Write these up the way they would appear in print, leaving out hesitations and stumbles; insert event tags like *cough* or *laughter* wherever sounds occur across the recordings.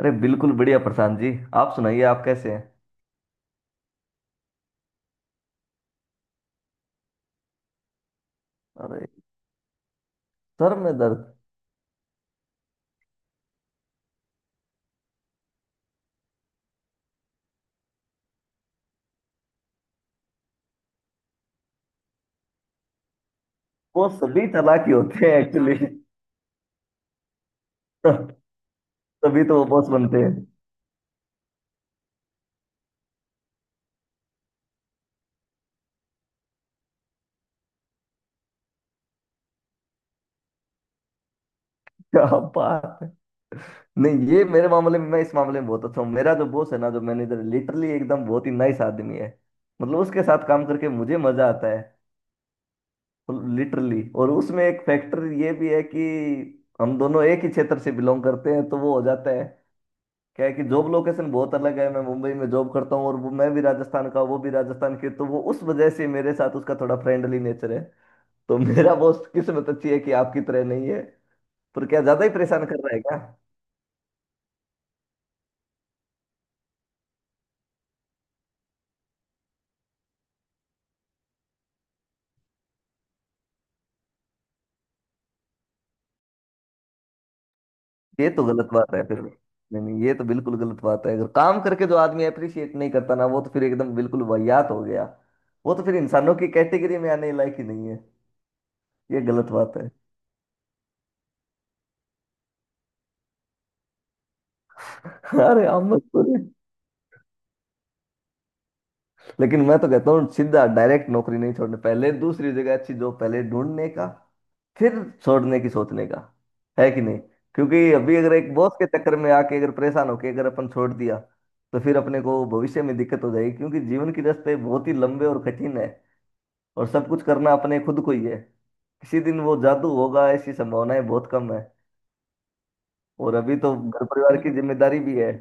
अरे बिल्कुल बढ़िया प्रशांत जी। आप सुनाइए, आप कैसे हैं? अरे, सर में दर्द? वो सभी चालाकी होते हैं एक्चुअली *laughs* तभी तो वो बॉस बनते हैं। क्या बात है। नहीं, ये मेरे मामले में, मैं इस मामले में बहुत अच्छा हूँ। मेरा जो बॉस है ना, जो मैनेजर, लिटरली एकदम बहुत ही नाइस आदमी है। मतलब उसके साथ काम करके मुझे मजा आता है लिटरली। और उसमें एक फैक्टर ये भी है कि हम दोनों एक ही क्षेत्र से बिलोंग करते हैं, तो वो हो जाता है। क्या है कि जॉब लोकेशन बहुत अलग है, मैं मुंबई में जॉब करता हूँ, और वो, मैं भी राजस्थान का, वो भी राजस्थान के, तो वो उस वजह से मेरे साथ उसका थोड़ा फ्रेंडली नेचर है। तो मेरा बॉस, किस्मत अच्छी है कि आपकी तरह नहीं है। पर क्या ज्यादा ही परेशान कर रहा है क्या? ये तो गलत बात है फिर। नहीं नहीं, ये तो बिल्कुल गलत बात है। अगर काम करके जो आदमी अप्रिशिएट नहीं करता ना, वो तो फिर एकदम बिल्कुल वाहियात हो गया। वो तो फिर इंसानों की कैटेगरी में आने लायक ही नहीं है। ये गलत बात है। *laughs* अरे हम मत करो। लेकिन मैं तो कहता हूँ, सीधा डायरेक्ट नौकरी नहीं छोड़ने, पहले दूसरी जगह अच्छी जॉब पहले ढूंढने का। फिर छोड़ने की सोचने का। है कि नहीं? क्योंकि अभी अगर एक बॉस के चक्कर में आके, अगर परेशान होके अगर अपन छोड़ दिया, तो फिर अपने को भविष्य में दिक्कत हो जाएगी। क्योंकि जीवन के रास्ते बहुत ही लंबे और कठिन है। और सब कुछ करना अपने खुद को ही है। किसी दिन वो जादू होगा, ऐसी संभावनाएं बहुत कम है। और अभी तो घर परिवार की जिम्मेदारी भी है।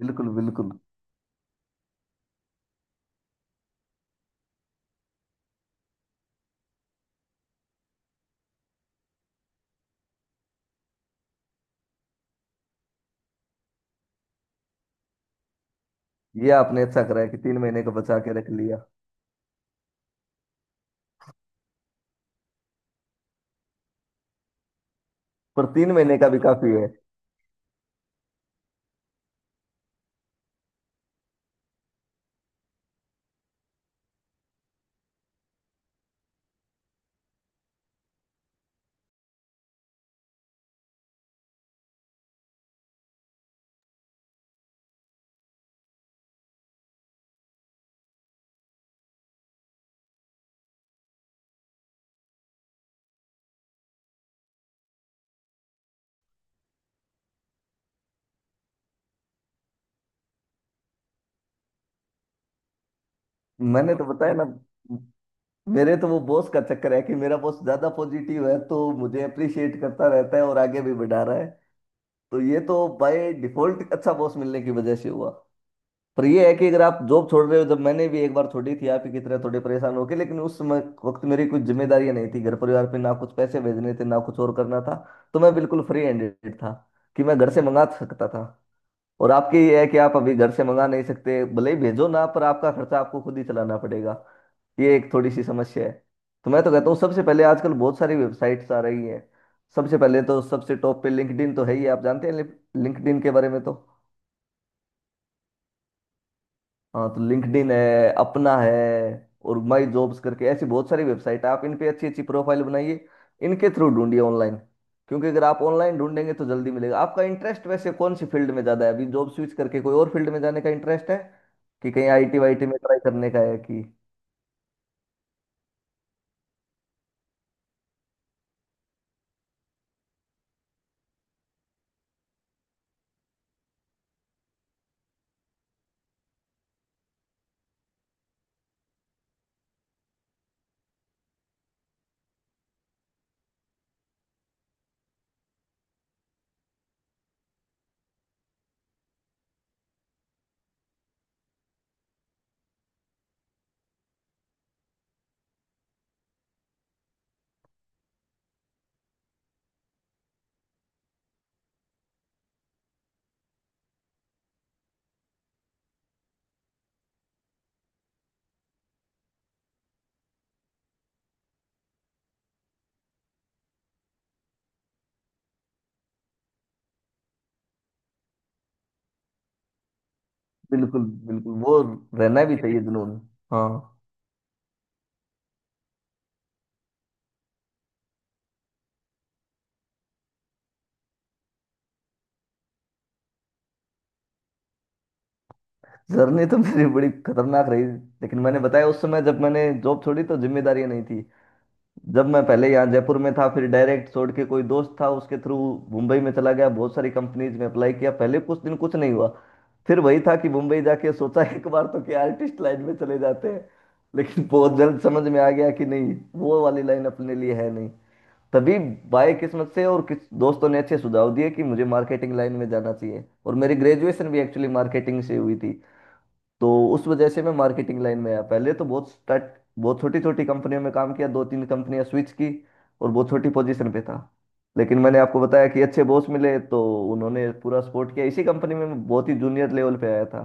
बिल्कुल बिल्कुल। ये आपने अच्छा करा है कि तीन महीने का बचा के रख लिया। पर तीन महीने का भी काफी है। मैंने तो बताया ना, मेरे तो वो बॉस का चक्कर है कि मेरा बॉस ज्यादा पॉजिटिव है, तो मुझे अप्रिशिएट करता रहता है और आगे भी बढ़ा रहा है। तो ये तो बाय डिफॉल्ट अच्छा बॉस मिलने की वजह से हुआ। पर ये है कि अगर आप जॉब छोड़ रहे हो, जब मैंने भी एक बार छोड़ी थी आप ही की तरह थोड़े परेशान होके, लेकिन उस समय वक्त मेरी कुछ जिम्मेदारियां नहीं थी घर परिवार पे, ना कुछ पैसे भेजने थे ना कुछ और करना था। तो मैं बिल्कुल फ्री हैंडेड था कि मैं घर से मंगा सकता था। और आपके ये है कि आप अभी घर से मंगा नहीं सकते, भले ही भेजो ना, पर आपका खर्चा आपको खुद ही चलाना पड़ेगा। ये एक थोड़ी सी समस्या है। तो मैं तो कहता हूँ, सबसे पहले, आजकल बहुत सारी वेबसाइट्स आ रही हैं। सबसे पहले तो सबसे टॉप पे लिंक्डइन तो है ही, आप जानते हैं लिंक्डइन के बारे में तो। हाँ, तो लिंक्डइन है अपना है। और माई जॉब्स करके ऐसी बहुत सारी वेबसाइट है, आप इन पे अच्छी अच्छी प्रोफाइल बनाइए, इनके थ्रू ढूंढिए ऑनलाइन। क्योंकि अगर आप ऑनलाइन ढूंढेंगे तो जल्दी मिलेगा। आपका इंटरेस्ट वैसे कौन सी फील्ड में ज़्यादा है? अभी जॉब स्विच करके कोई और फील्ड में जाने का इंटरेस्ट है, कि कहीं आईटी वाईटी में ट्राई करने का है कि? बिल्कुल बिल्कुल, वो रहना भी चाहिए जुनून। हाँ। जर्नी तो मेरी बड़ी खतरनाक रही। लेकिन मैंने बताया, उस समय जब मैंने जॉब छोड़ी तो जिम्मेदारियां नहीं थी। जब मैं पहले यहाँ जयपुर में था, फिर डायरेक्ट छोड़ के कोई दोस्त था उसके थ्रू मुंबई में चला गया, बहुत सारी कंपनीज में अप्लाई किया, पहले कुछ दिन कुछ नहीं हुआ। फिर वही था कि मुंबई जाके सोचा एक बार तो क्या आर्टिस्ट लाइन में चले जाते हैं। लेकिन बहुत जल्द समझ में आ गया कि नहीं, वो वाली लाइन अपने लिए है नहीं। तभी बाय किस्मत से और किस दोस्तों ने अच्छे सुझाव दिए कि मुझे मार्केटिंग लाइन में जाना चाहिए, और मेरी ग्रेजुएशन भी एक्चुअली मार्केटिंग से हुई थी। तो उस वजह से मैं मार्केटिंग लाइन में आया। पहले तो बहुत छोटी छोटी कंपनियों में काम किया, दो तीन कंपनियां स्विच की, और बहुत छोटी पोजीशन पे था। लेकिन मैंने आपको बताया कि अच्छे बॉस मिले, तो उन्होंने पूरा सपोर्ट किया। इसी कंपनी में मैं बहुत ही जूनियर लेवल पे आया था,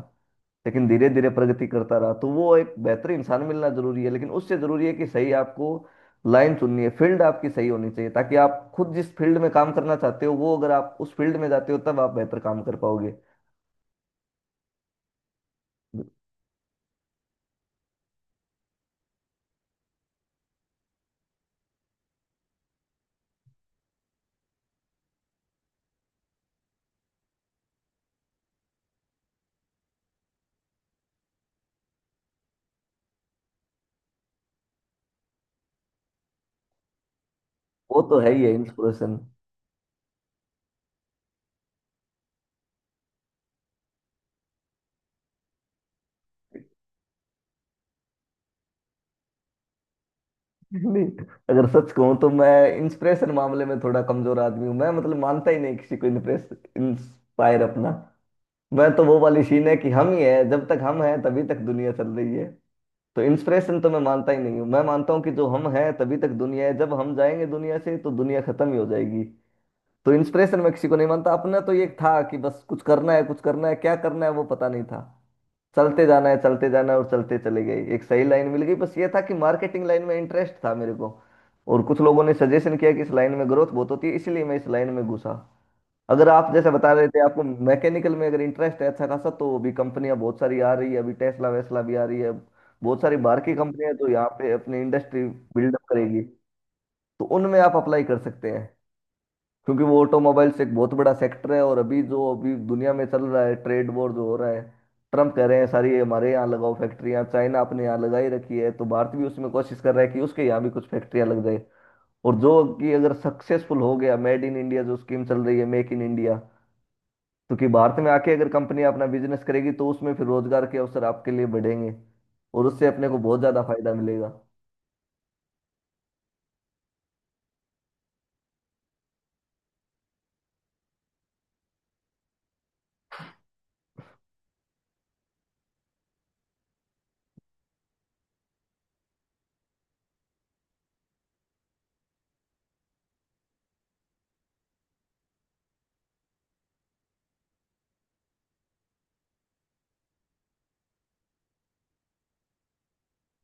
लेकिन धीरे धीरे प्रगति करता रहा। तो वो, एक बेहतर इंसान मिलना जरूरी है, लेकिन उससे जरूरी है कि सही आपको लाइन चुननी है, फील्ड आपकी सही होनी चाहिए, ताकि आप खुद जिस फील्ड में काम करना चाहते हो, वो, अगर आप उस फील्ड में जाते हो, तब आप बेहतर काम कर पाओगे। वो तो है ही है इंस्पिरेशन। नहीं, अगर सच कहूं तो मैं इंस्पिरेशन मामले में थोड़ा कमजोर आदमी हूं। मैं मतलब मानता ही नहीं किसी को इंप्रेस इंस्पायर अपना। मैं तो, वो वाली सीन है कि हम ही है, जब तक हम हैं तभी तक दुनिया चल रही है। तो इंस्पिरेशन तो मैं मानता ही नहीं हूँ। मैं मानता हूँ कि जो हम हैं तभी तक दुनिया है, जब हम जाएंगे दुनिया से तो दुनिया खत्म ही हो जाएगी। तो इंस्पिरेशन मैं किसी को नहीं मानता। अपना तो ये था कि बस कुछ करना है, कुछ करना है, क्या करना है वो पता नहीं था। चलते जाना है, चलते जाना है, और चलते चले गए एक सही लाइन मिल गई। बस ये था कि मार्केटिंग लाइन में इंटरेस्ट था मेरे को, और कुछ लोगों ने सजेशन किया कि इस लाइन में ग्रोथ बहुत होती है, इसलिए मैं इस लाइन में घुसा। अगर आप जैसे बता रहे थे आपको मैकेनिकल में अगर इंटरेस्ट है अच्छा खासा, तो अभी कंपनियां बहुत सारी आ रही है, अभी टेस्ला वेस्ला भी आ रही है, बहुत सारी बाहर की कंपनियां हैं, तो यहाँ पे अपनी इंडस्ट्री बिल्डअप करेगी, तो उनमें आप अप्लाई कर सकते हैं। क्योंकि वो ऑटोमोबाइल्स एक बहुत बड़ा सेक्टर है। और अभी जो अभी दुनिया में चल रहा है ट्रेड वॉर जो हो रहा है, ट्रम्प कह रहे हैं सारी हमारे यहाँ लगाओ फैक्ट्रियाँ, चाइना अपने यहाँ लगाई रखी है, तो भारत भी उसमें कोशिश कर रहा है कि उसके यहाँ भी कुछ फैक्ट्रियाँ लग जाए। और जो, कि अगर सक्सेसफुल हो गया मेड इन इंडिया जो स्कीम चल रही है, मेक इन इंडिया, तो कि भारत में आके अगर कंपनी अपना बिजनेस करेगी, तो उसमें फिर रोजगार के अवसर आपके लिए बढ़ेंगे। और उससे अपने को बहुत ज्यादा फायदा मिलेगा।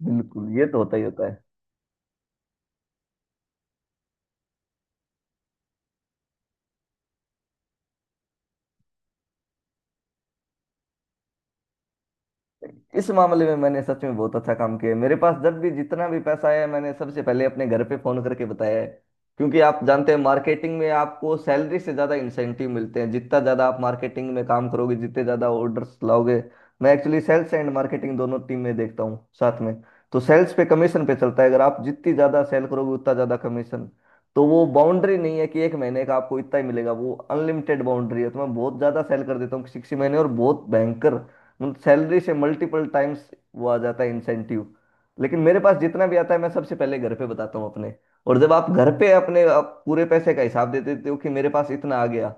बिल्कुल, ये तो होता ही होता है। इस मामले में मैंने सच में बहुत अच्छा काम किया है। मेरे पास जब भी जितना भी पैसा आया, मैंने सबसे पहले अपने घर पे फोन करके बताया है। क्योंकि आप जानते हैं, मार्केटिंग में आपको सैलरी से ज्यादा इंसेंटिव मिलते हैं, जितना ज्यादा आप मार्केटिंग में काम करोगे, जितने ज्यादा ऑर्डर्स लाओगे। मैं एक्चुअली सेल्स एंड मार्केटिंग दोनों टीम में देखता हूँ साथ में। तो सेल्स पे कमीशन पे चलता है, अगर आप जितनी ज्यादा सेल करोगे उतना ज्यादा कमीशन। तो वो बाउंड्री नहीं है कि एक महीने का आपको इतना ही मिलेगा, वो अनलिमिटेड बाउंड्री है। तो मैं बहुत ज्यादा सेल कर देता हूँ किसी किसी महीने, और बहुत भयंकर, सैलरी से मल्टीपल टाइम्स वो आ जाता है इंसेंटिव। लेकिन मेरे पास जितना भी आता है, मैं सबसे पहले घर पे बताता हूँ अपने। और जब आप घर पे अपने आप पूरे पैसे का हिसाब दे देते हो कि मेरे पास इतना आ गया,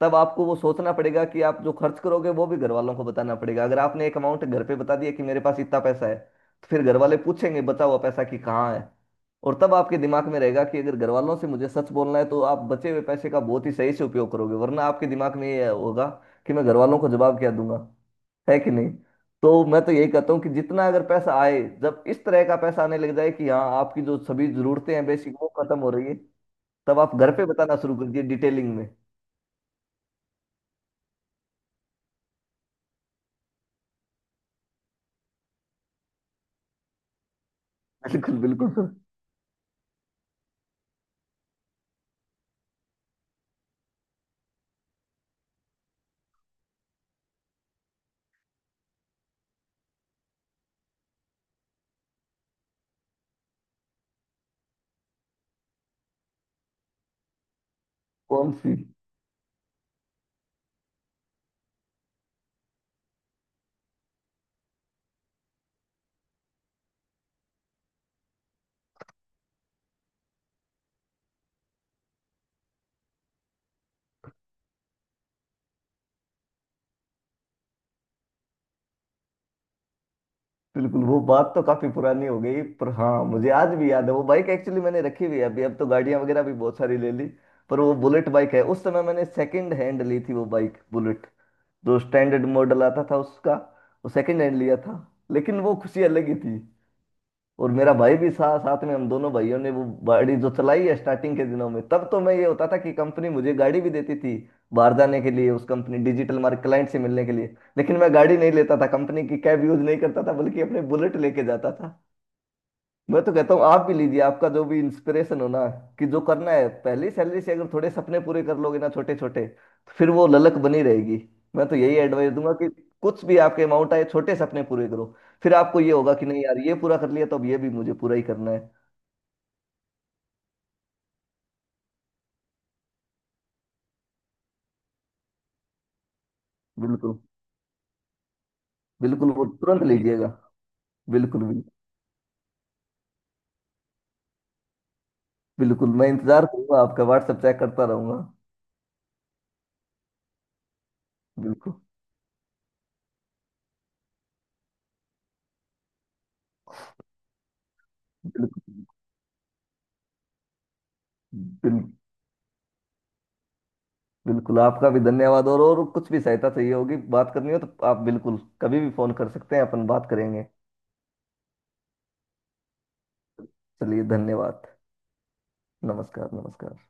तब आपको वो सोचना पड़ेगा कि आप जो खर्च करोगे वो भी घर वालों को बताना पड़ेगा। अगर आपने एक अमाउंट घर पे बता दिया कि मेरे पास इतना पैसा है, तो फिर घर वाले पूछेंगे बचा हुआ पैसा कि कहाँ है, और तब आपके दिमाग में रहेगा कि अगर घर वालों से मुझे सच बोलना है, तो आप बचे हुए पैसे का बहुत ही सही से उपयोग करोगे, वरना आपके दिमाग में ये होगा कि मैं घर वालों को जवाब क्या दूंगा। है कि नहीं? तो मैं तो यही कहता हूँ कि जितना अगर पैसा आए, जब इस तरह का पैसा आने लग जाए कि हाँ आपकी जो सभी जरूरतें हैं बेसिक वो खत्म हो रही है, तब आप घर पे बताना शुरू कर दिए डिटेलिंग में। बिल्कुल बिल्कुल सर। कौन सी? बिल्कुल, वो बात तो काफी पुरानी हो गई, पर हाँ मुझे आज भी याद है। वो बाइक एक्चुअली मैंने रखी हुई है अभी, अब तो गाड़ियां वगैरह भी बहुत सारी ले ली, पर वो बुलेट बाइक है। उस समय मैंने सेकंड हैंड ली थी वो बाइक बुलेट, जो स्टैंडर्ड मॉडल आता था उसका, वो सेकंड हैंड लिया था। लेकिन वो खुशी अलग ही थी। और मेरा भाई भी साथ साथ में, हम दोनों भाइयों ने वो गाड़ी जो चलाई है स्टार्टिंग के दिनों में। तब तो मैं ये होता था कि कंपनी मुझे गाड़ी भी देती थी बाहर जाने के लिए, उस कंपनी डिजिटल मार्केट क्लाइंट से मिलने के लिए, लेकिन मैं गाड़ी नहीं लेता था, कंपनी की कैब यूज नहीं करता था, बल्कि अपने बुलेट लेके जाता था। मैं तो कहता हूँ आप भी लीजिए, आपका जो भी इंस्पिरेशन हो ना, कि जो करना है, पहली सैलरी से अगर थोड़े सपने पूरे कर लोगे ना छोटे छोटे, तो फिर वो ललक बनी रहेगी। मैं तो यही एडवाइस दूंगा कि कुछ भी आपके अमाउंट आए, छोटे सपने पूरे करो। फिर आपको ये होगा कि नहीं यार, ये पूरा कर लिया तो अब ये भी मुझे पूरा ही करना है। बिल्कुल बिल्कुल, वो तुरंत लीजिएगा। बिल्कुल बिल्कुल। बिल्कुल, मैं इंतजार करूंगा, आपका व्हाट्सएप चेक करता रहूंगा। बिल्कुल। बिल्कुल। बिल्कुल बिल्कुल आपका भी धन्यवाद। और कुछ भी सहायता चाहिए होगी, बात करनी हो, तो आप बिल्कुल कभी भी फोन कर सकते हैं, अपन बात करेंगे। चलिए, धन्यवाद। नमस्कार। नमस्कार